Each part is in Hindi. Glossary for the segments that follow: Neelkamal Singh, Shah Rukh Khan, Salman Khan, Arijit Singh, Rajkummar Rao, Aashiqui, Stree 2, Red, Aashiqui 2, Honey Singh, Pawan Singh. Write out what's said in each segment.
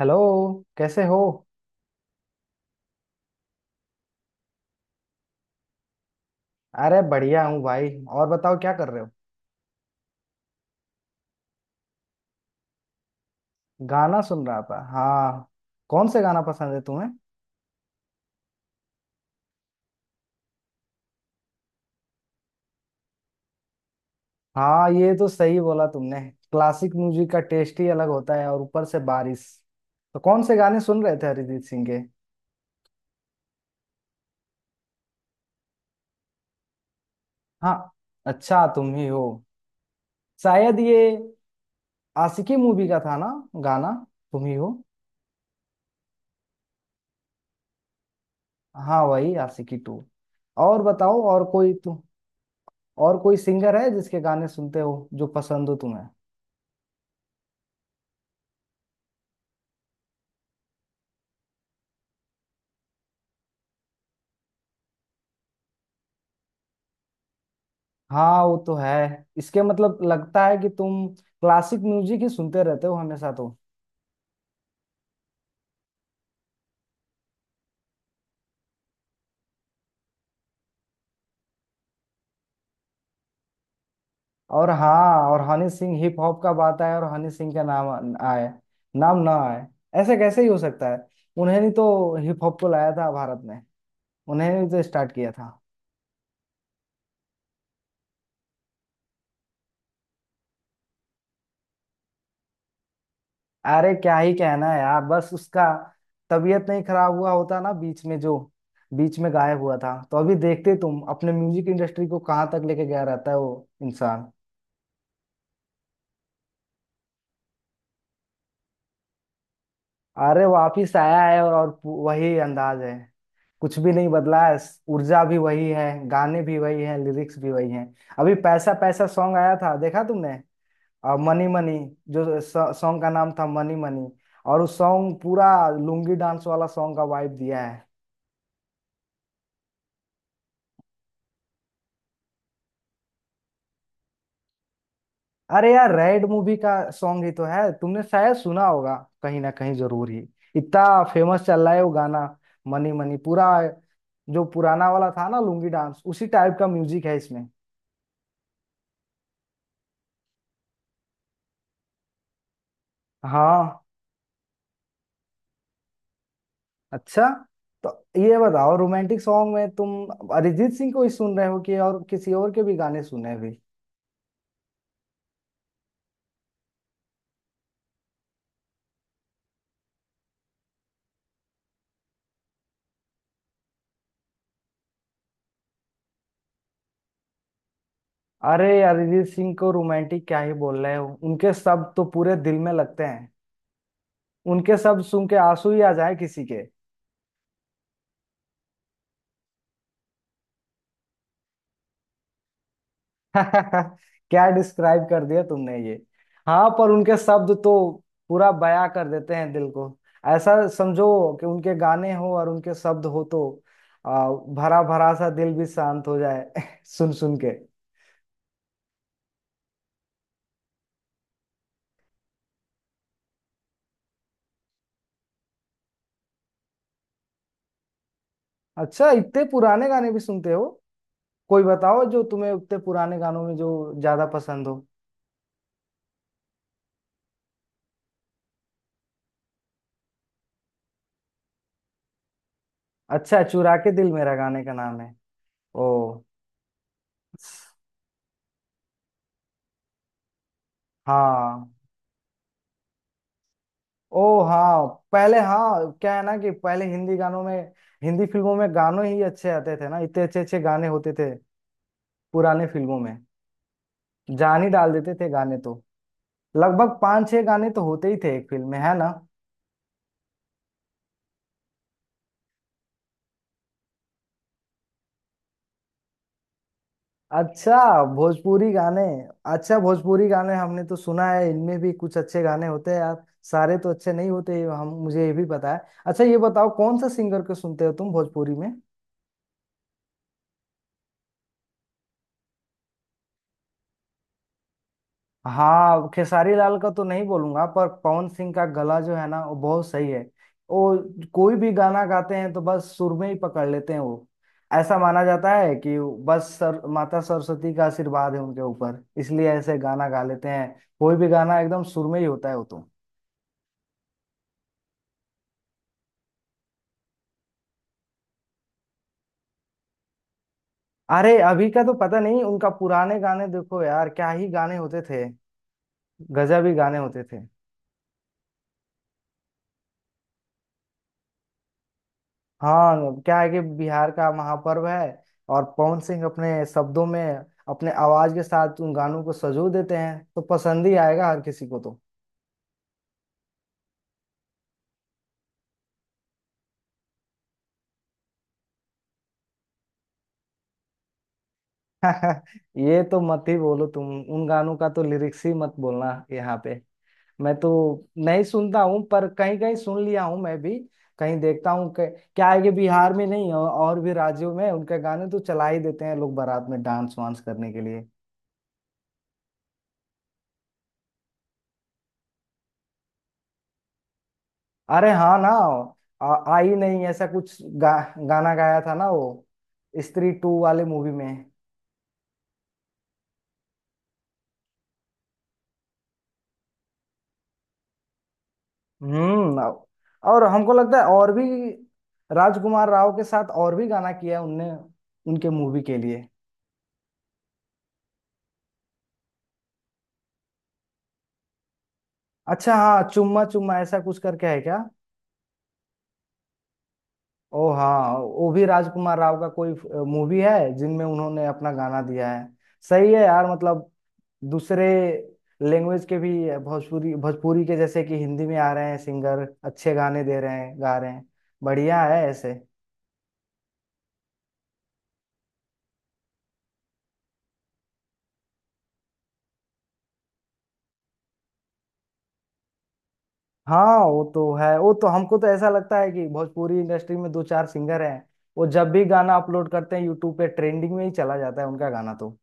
हेलो। कैसे हो? अरे बढ़िया हूँ भाई। और बताओ क्या कर रहे हो? गाना सुन रहा था हाँ। कौन से गाना पसंद है तुम्हें? हाँ ये तो सही बोला तुमने। क्लासिक म्यूजिक का टेस्ट ही अलग होता है और ऊपर से बारिश। तो कौन से गाने सुन रहे थे अरिजीत सिंह के? हाँ। अच्छा तुम ही हो। शायद ये आशिकी मूवी का था ना गाना। तुम ही हो। हाँ वही आशिकी टू। और बताओ और कोई तुम। और कोई सिंगर है जिसके गाने सुनते हो जो पसंद हो तुम्हें? हाँ वो तो है। इसके मतलब लगता है कि तुम क्लासिक म्यूजिक ही सुनते रहते हो हमेशा तो। और हाँ और हनी सिंह। हिप हॉप का बात आए और हनी सिंह का नाम आए। नाम ना आए ऐसे कैसे ही हो सकता है। उन्हें नहीं तो हिप हॉप को लाया था भारत में। उन्हें नहीं तो स्टार्ट किया था। अरे क्या ही कहना है यार बस उसका। तबीयत नहीं खराब हुआ होता ना बीच में जो बीच में गायब हुआ था तो अभी देखते तुम अपने म्यूजिक इंडस्ट्री को कहाँ तक लेके गया रहता है वो इंसान। अरे वापिस आया है और वही अंदाज है। कुछ भी नहीं बदला है। ऊर्जा भी वही है, गाने भी वही है, लिरिक्स भी वही हैं। अभी पैसा पैसा सॉन्ग आया था, देखा तुमने? और मनी मनी जो सॉन्ग का नाम था, मनी मनी। और उस सॉन्ग पूरा लुंगी डांस वाला सॉन्ग का वाइब दिया है। अरे यार रेड मूवी का सॉन्ग ही तो है, तुमने शायद सुना होगा। कहीं ना कहीं जरूर ही इतना फेमस चल रहा है वो गाना। मनी मनी पूरा जो पुराना वाला था ना लुंगी डांस उसी टाइप का म्यूजिक है इसमें। हाँ। अच्छा तो ये बताओ रोमांटिक सॉन्ग में तुम अरिजीत सिंह को ही सुन रहे हो कि और किसी और के भी गाने सुने भी? अरे अरिजीत सिंह को रोमांटिक क्या ही बोल रहे हो, उनके शब्द तो पूरे दिल में लगते हैं। उनके शब्द सुन के आंसू ही आ जाए किसी के। क्या डिस्क्राइब कर दिया तुमने ये। हाँ पर उनके शब्द तो पूरा बयां कर देते हैं दिल को। ऐसा समझो कि उनके गाने हो और उनके शब्द हो तो आ, भरा भरा सा दिल भी शांत हो जाए सुन सुन के। अच्छा इतने पुराने गाने भी सुनते हो? कोई बताओ जो तुम्हें उतने पुराने गानों में जो ज्यादा पसंद हो। अच्छा चुरा के दिल मेरा गाने का नाम है। ओ हाँ। ओ हाँ पहले। हाँ क्या है ना कि पहले हिंदी गानों में हिंदी फिल्मों में गानों ही अच्छे आते थे ना। इतने अच्छे अच्छे गाने होते थे पुराने फिल्मों में। जान ही डाल देते थे गाने तो। लगभग पांच छह गाने तो होते ही थे एक फिल्म में, है ना? अच्छा भोजपुरी गाने। अच्छा भोजपुरी गाने हमने तो सुना है, इनमें भी कुछ अच्छे गाने होते हैं यार। सारे तो अच्छे नहीं होते ये हम मुझे ये भी पता है। अच्छा ये बताओ कौन सा सिंगर को सुनते हो तुम भोजपुरी में? हाँ खेसारी लाल का तो नहीं बोलूंगा पर पवन सिंह का गला जो है ना वो बहुत सही है। वो कोई भी गाना गाते हैं तो बस सुर में ही पकड़ लेते हैं वो। ऐसा माना जाता है कि बस सर माता सरस्वती का आशीर्वाद है उनके ऊपर इसलिए ऐसे गाना गा लेते हैं। कोई भी गाना एकदम सुर में ही होता है वो तो। अरे अभी का तो पता नहीं उनका, पुराने गाने देखो यार क्या ही गाने होते थे। गजब ही गाने होते थे। हाँ क्या है कि बिहार का महापर्व है। और पवन सिंह अपने शब्दों में अपने आवाज के साथ उन गानों को सजो देते हैं तो पसंद ही आएगा हर किसी को तो। ये तो मत ही बोलो तुम। उन गानों का तो लिरिक्स ही मत बोलना यहाँ पे। मैं तो नहीं सुनता हूँ पर कहीं कहीं सुन लिया हूँ मैं भी। कहीं देखता हूँ। क्या है कि बिहार में नहीं, और और भी राज्यों में उनके गाने तो चला ही देते हैं लोग बारात में डांस वांस करने के लिए। अरे हाँ ना। आई नहीं ऐसा कुछ गाना गाया था ना वो स्त्री टू वाले मूवी में। हम्म। और हमको लगता है और भी राजकुमार राव के साथ और भी गाना किया है उनने उनके मूवी के लिए। अच्छा हाँ, चुम्मा चुम्मा ऐसा कुछ करके है क्या? ओ हाँ वो भी राजकुमार राव का कोई मूवी है जिनमें उन्होंने अपना गाना दिया है। सही है यार, मतलब दूसरे लैंग्वेज के भी, भोजपुरी भोजपुरी के जैसे कि हिंदी में आ रहे हैं सिंगर, अच्छे गाने दे रहे हैं, गा रहे हैं। बढ़िया है ऐसे। हाँ वो तो है। वो तो हमको तो ऐसा लगता है कि भोजपुरी इंडस्ट्री में दो चार सिंगर हैं, वो जब भी गाना अपलोड करते हैं यूट्यूब पे ट्रेंडिंग में ही चला जाता है उनका गाना तो।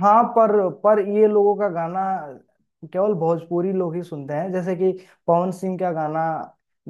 हाँ पर ये लोगों का गाना केवल भोजपुरी लोग ही सुनते हैं जैसे कि पवन सिंह का गाना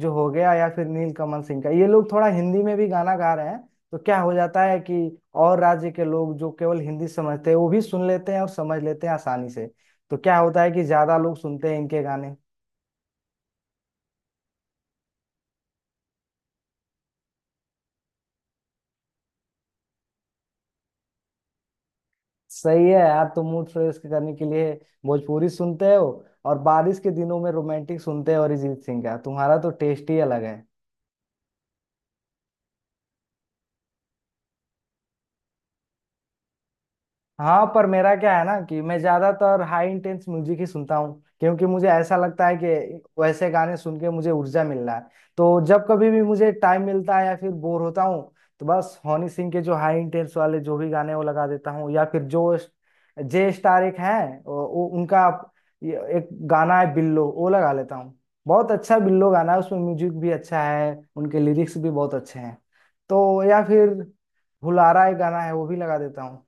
जो हो गया, या फिर नीलकमल सिंह का। ये लोग थोड़ा हिंदी में भी गाना गा रहे हैं तो क्या हो जाता है कि और राज्य के लोग जो केवल हिंदी समझते हैं वो भी सुन लेते हैं और समझ लेते हैं आसानी से। तो क्या होता है कि ज्यादा लोग सुनते हैं इनके गाने। सही है यार, तो मूड फ्रेश करने के लिए भोजपुरी सुनते हो और बारिश के दिनों में रोमांटिक सुनते हो अरिजीत सिंह का, तुम्हारा तो टेस्ट ही अलग है। हाँ पर मेरा क्या है ना कि मैं ज्यादातर हाई इंटेंस म्यूजिक ही सुनता हूँ क्योंकि मुझे ऐसा लगता है कि वैसे गाने सुन के मुझे ऊर्जा मिल रहा है। तो जब कभी भी मुझे टाइम मिलता है या फिर बोर होता हूँ तो बस हनी सिंह के जो हाई इंटेंस वाले जो भी गाने हैं, वो लगा देता हूँ। या फिर जो जे स्टार एक हैं उनका ये एक गाना है बिल्लो, वो लगा लेता हूँ। बहुत अच्छा बिल्लो गाना है, उसमें म्यूजिक भी अच्छा है, उनके लिरिक्स भी बहुत अच्छे हैं। तो या फिर हुलारा एक गाना है वो भी लगा देता हूँ।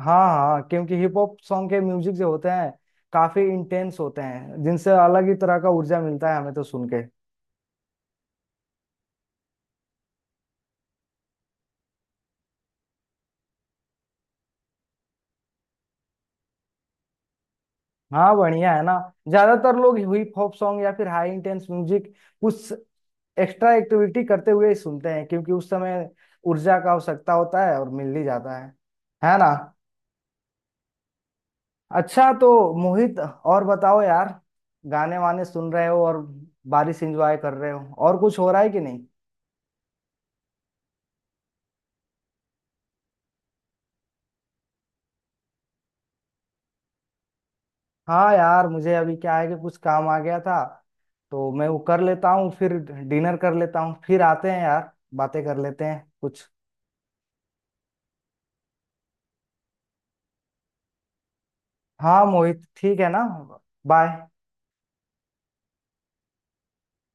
हाँ हाँ क्योंकि हिप हॉप सॉन्ग के म्यूजिक जो होते हैं काफी इंटेंस होते हैं जिनसे अलग ही तरह का ऊर्जा मिलता है हमें तो सुन के। हाँ बढ़िया है ना। ज्यादातर लोग हिप हॉप सॉन्ग या फिर हाई इंटेंस म्यूजिक कुछ एक्स्ट्रा एक्टिविटी करते हुए ही सुनते हैं क्योंकि उस समय ऊर्जा का आवश्यकता होता है और मिल ही जाता है ना? अच्छा तो मोहित और बताओ यार, गाने वाने सुन रहे हो और बारिश एंजॉय कर रहे हो, और कुछ हो रहा है कि नहीं? हाँ यार मुझे अभी क्या है कि कुछ काम आ गया था तो मैं वो कर लेता हूँ, फिर डिनर कर लेता हूँ, फिर आते हैं यार बातें कर लेते हैं कुछ। हाँ मोहित ठीक है ना। बाय।